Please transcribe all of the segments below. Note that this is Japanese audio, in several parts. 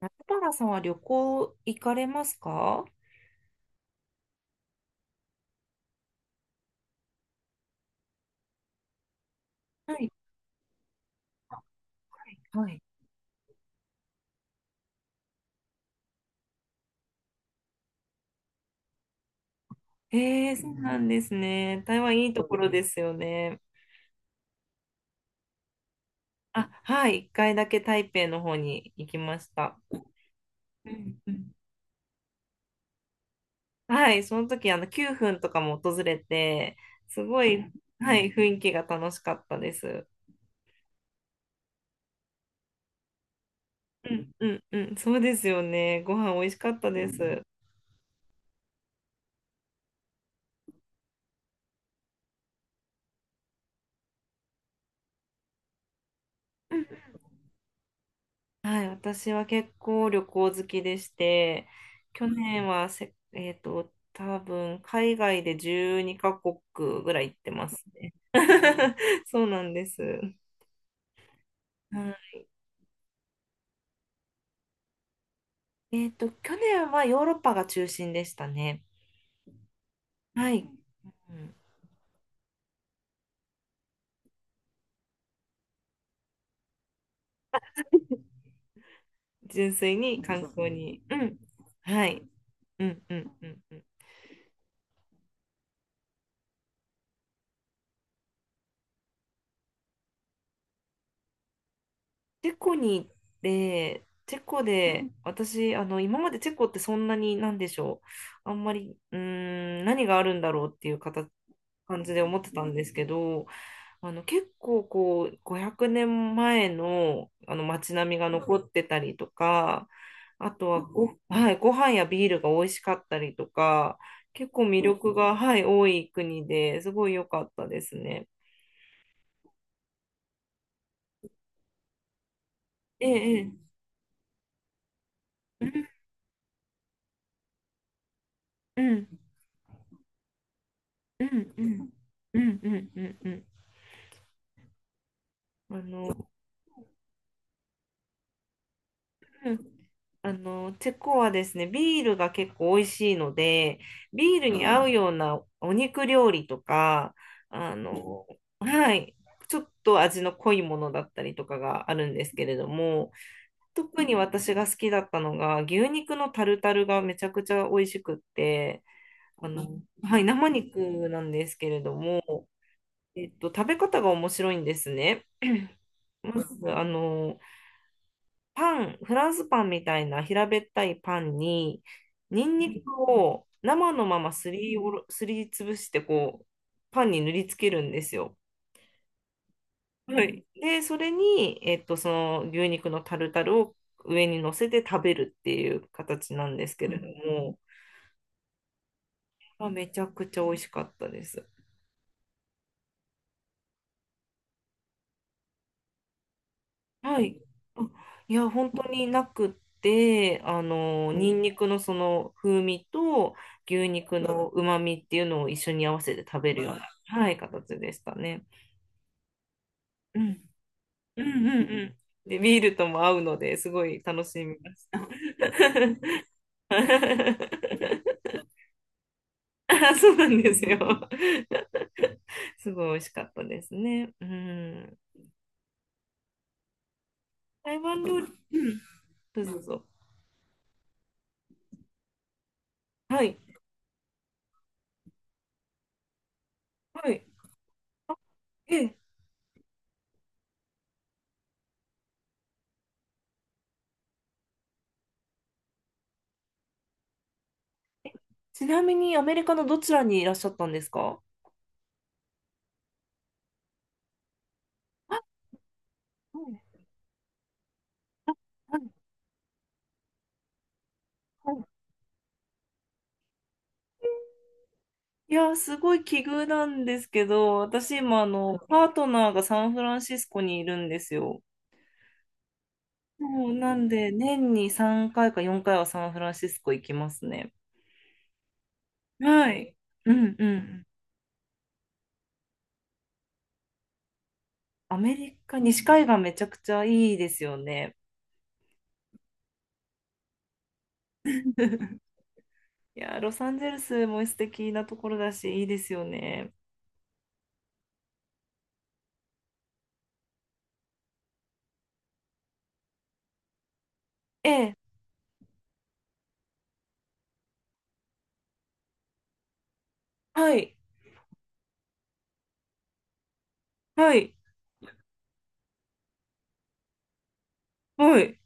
中原さんは旅行行かれますか。はい、はい、はい。えー、そうなんですね。台湾いいところですよね。あ、はい、一回だけ台北の方に行きました。うんうん。はい、その時あの9分とかも訪れて、すごい、はい、雰囲気が楽しかったです。うんうんうん、そうですよね。ご飯美味しかったです。はい、私は結構旅行好きでして、去年はせ、多分海外で12カ国ぐらい行ってますね。そうなんです。うん、去年はヨーロッパが中心でしたね。はい。うん、純粋に観光に。うん。はい。うんうんうんうん。チェコに行って、チェコうで、ん私、あの、今までチェコってそんなに、なんでしょう、あんまり、うーん、何があるんだろうっていう形、感じで思ってたんですけど、あの、結構こう、500年前の、あの、街並みが残ってたりとか、あとはご、はい、ご飯やビールが美味しかったりとか、結構魅力が、はい、多い国ですごい良かったですね。ええ、ええ、うん、うん、うん、うん、うん、うん、うん、うん。うん、あの、うん、あの、チェコはですね、ビールが結構美味しいので、ビールうに合うん。ようなお肉料理とか、あの、はい、ちょっと味の濃いものだったりとかがあるんですけれども、特に私が好きだったのが、牛肉のタルタルがめちゃくちゃ美味しくって、あの、はい、生肉なんですけれども、食べ方が面白いんですね。まず、あの、パン、フランスパンみたいな平べったいパンに、ニンニクを生のまますりおろ、すりつぶして、こう、パンに塗りつけるんですよ。はい。で、それに、その牛肉のタルタルを上に乗せて食べるっていう形なんですけれども、まあ、めちゃくちゃ美味しかったです。はい。うん、いや、本当になくって、あの、ニンニクのその風味と牛肉の旨味っていうのを一緒に合わせて食べるような、はい、形でしたね。うん。うんうんうん。で、ビールとも合うので、すごい楽しみです。あ、そうなんですよ。すごい美味しかったですね。うん。台湾料理、うん。どうぞどうぞ。はい。はい。あ、ええ、ちなみにアメリカのどちらにいらっしゃったんですか。あ、はい、はい、はい。いやー、すごい奇遇なんですけど、私今、あの、パートナーがサンフランシスコにいるんですよ。もう、なんで、年に3回か4回はサンフランシスコ行きますね。はい。うんうん。アメリカ、西海岸めちゃくちゃいいですよね。いやー、ロサンゼルスも素敵なところだし、いいですよね。ええ、はい、はい、はい。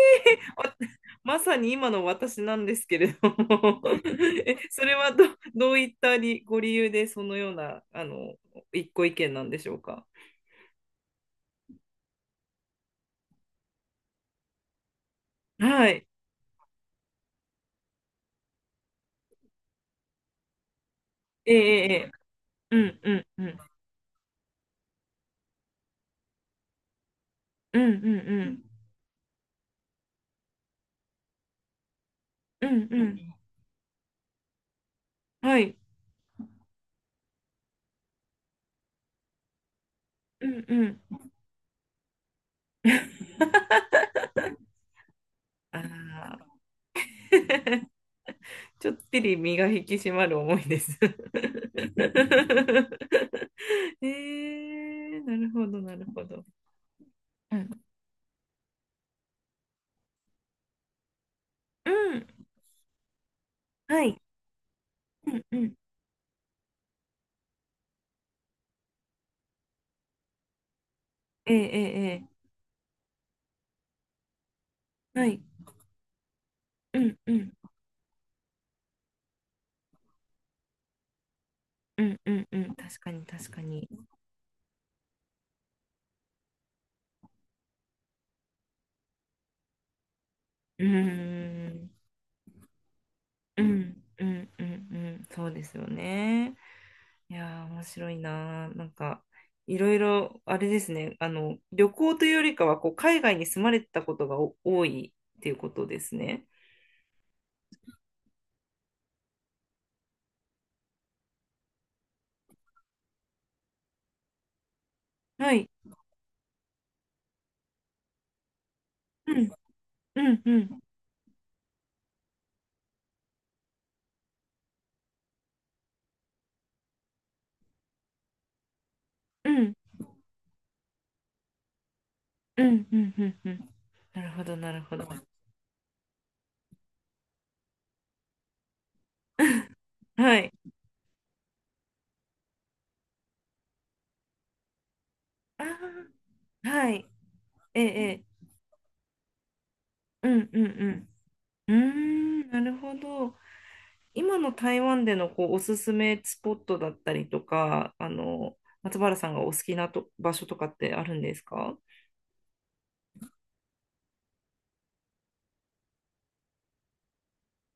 まさに今の私なんですけれども え、それはど、どういったりご理由でそのような、あの、一個意見なんでしょうか。はい。ええ、ええ、うんうんうん。うんうんうん。うんうん。はい。うんうん。ああ。ちょっぴり身が引き締まる思いです ええ、なるほど、なるほど。うん。うん。はい。うんうん。ええ、ええ、ええ、はい。うんうんうんうん、うん、確かに確かに、うーん、うんうんうんうん、そうですよね。いやー面白いなー。なんかいろいろあれですね、あの、旅行というよりかはこう海外に住まれてたことがお多いっていうことですね。はい。うんうんうんうんうんうんうんうん。なるほど、なるほど。はい。ああ、はい。ええ、ええ、うんうんうん。うーん、なるほど。今の台湾でのこうおすすめスポットだったりとか、あの、松原さんがお好きなと場所とかってあるんですか。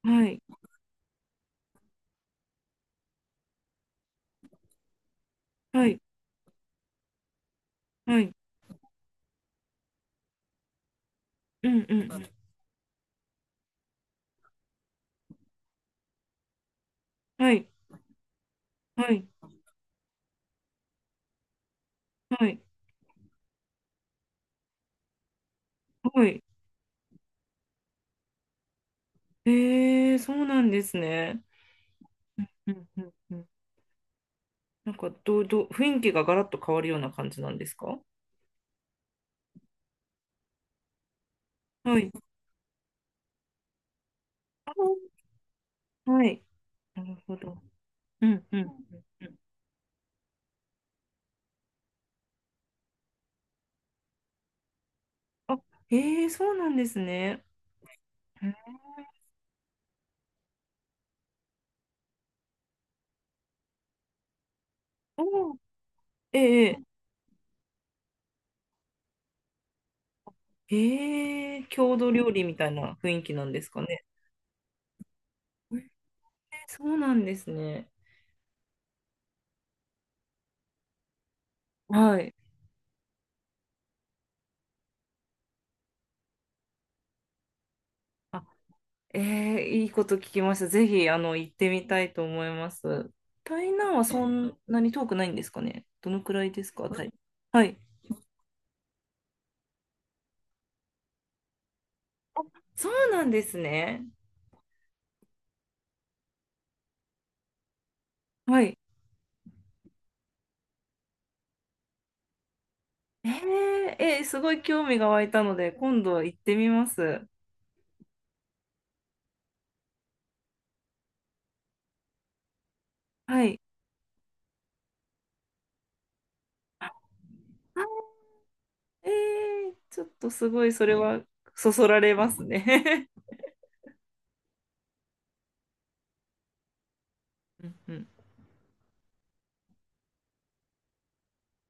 はい、はい、はい、うんうん、はい、はい、はい、はい。えー、そうなんですね。うんうんうん。なんかどう、どう、雰囲気がガラッと変わるような感じなんですか。はい。あ、はい。なるほど。うんうんうんうん。あ、えー、そうなんですね。おお、えええ、ええ、郷土料理みたいな雰囲気なんですかね。えー、そうなんですね。はい。あ、ええ、いいこと聞きました。ぜひ、あの、行ってみたいと思います。台南はそんなに遠くないんですかね。どのくらいですか、台はい。そうなんですね。はい。ええ、えー、すごい興味が湧いたので、今度行ってみます。はい。あ、ええ、ちょっとすごい、それはそそられますね。うんうん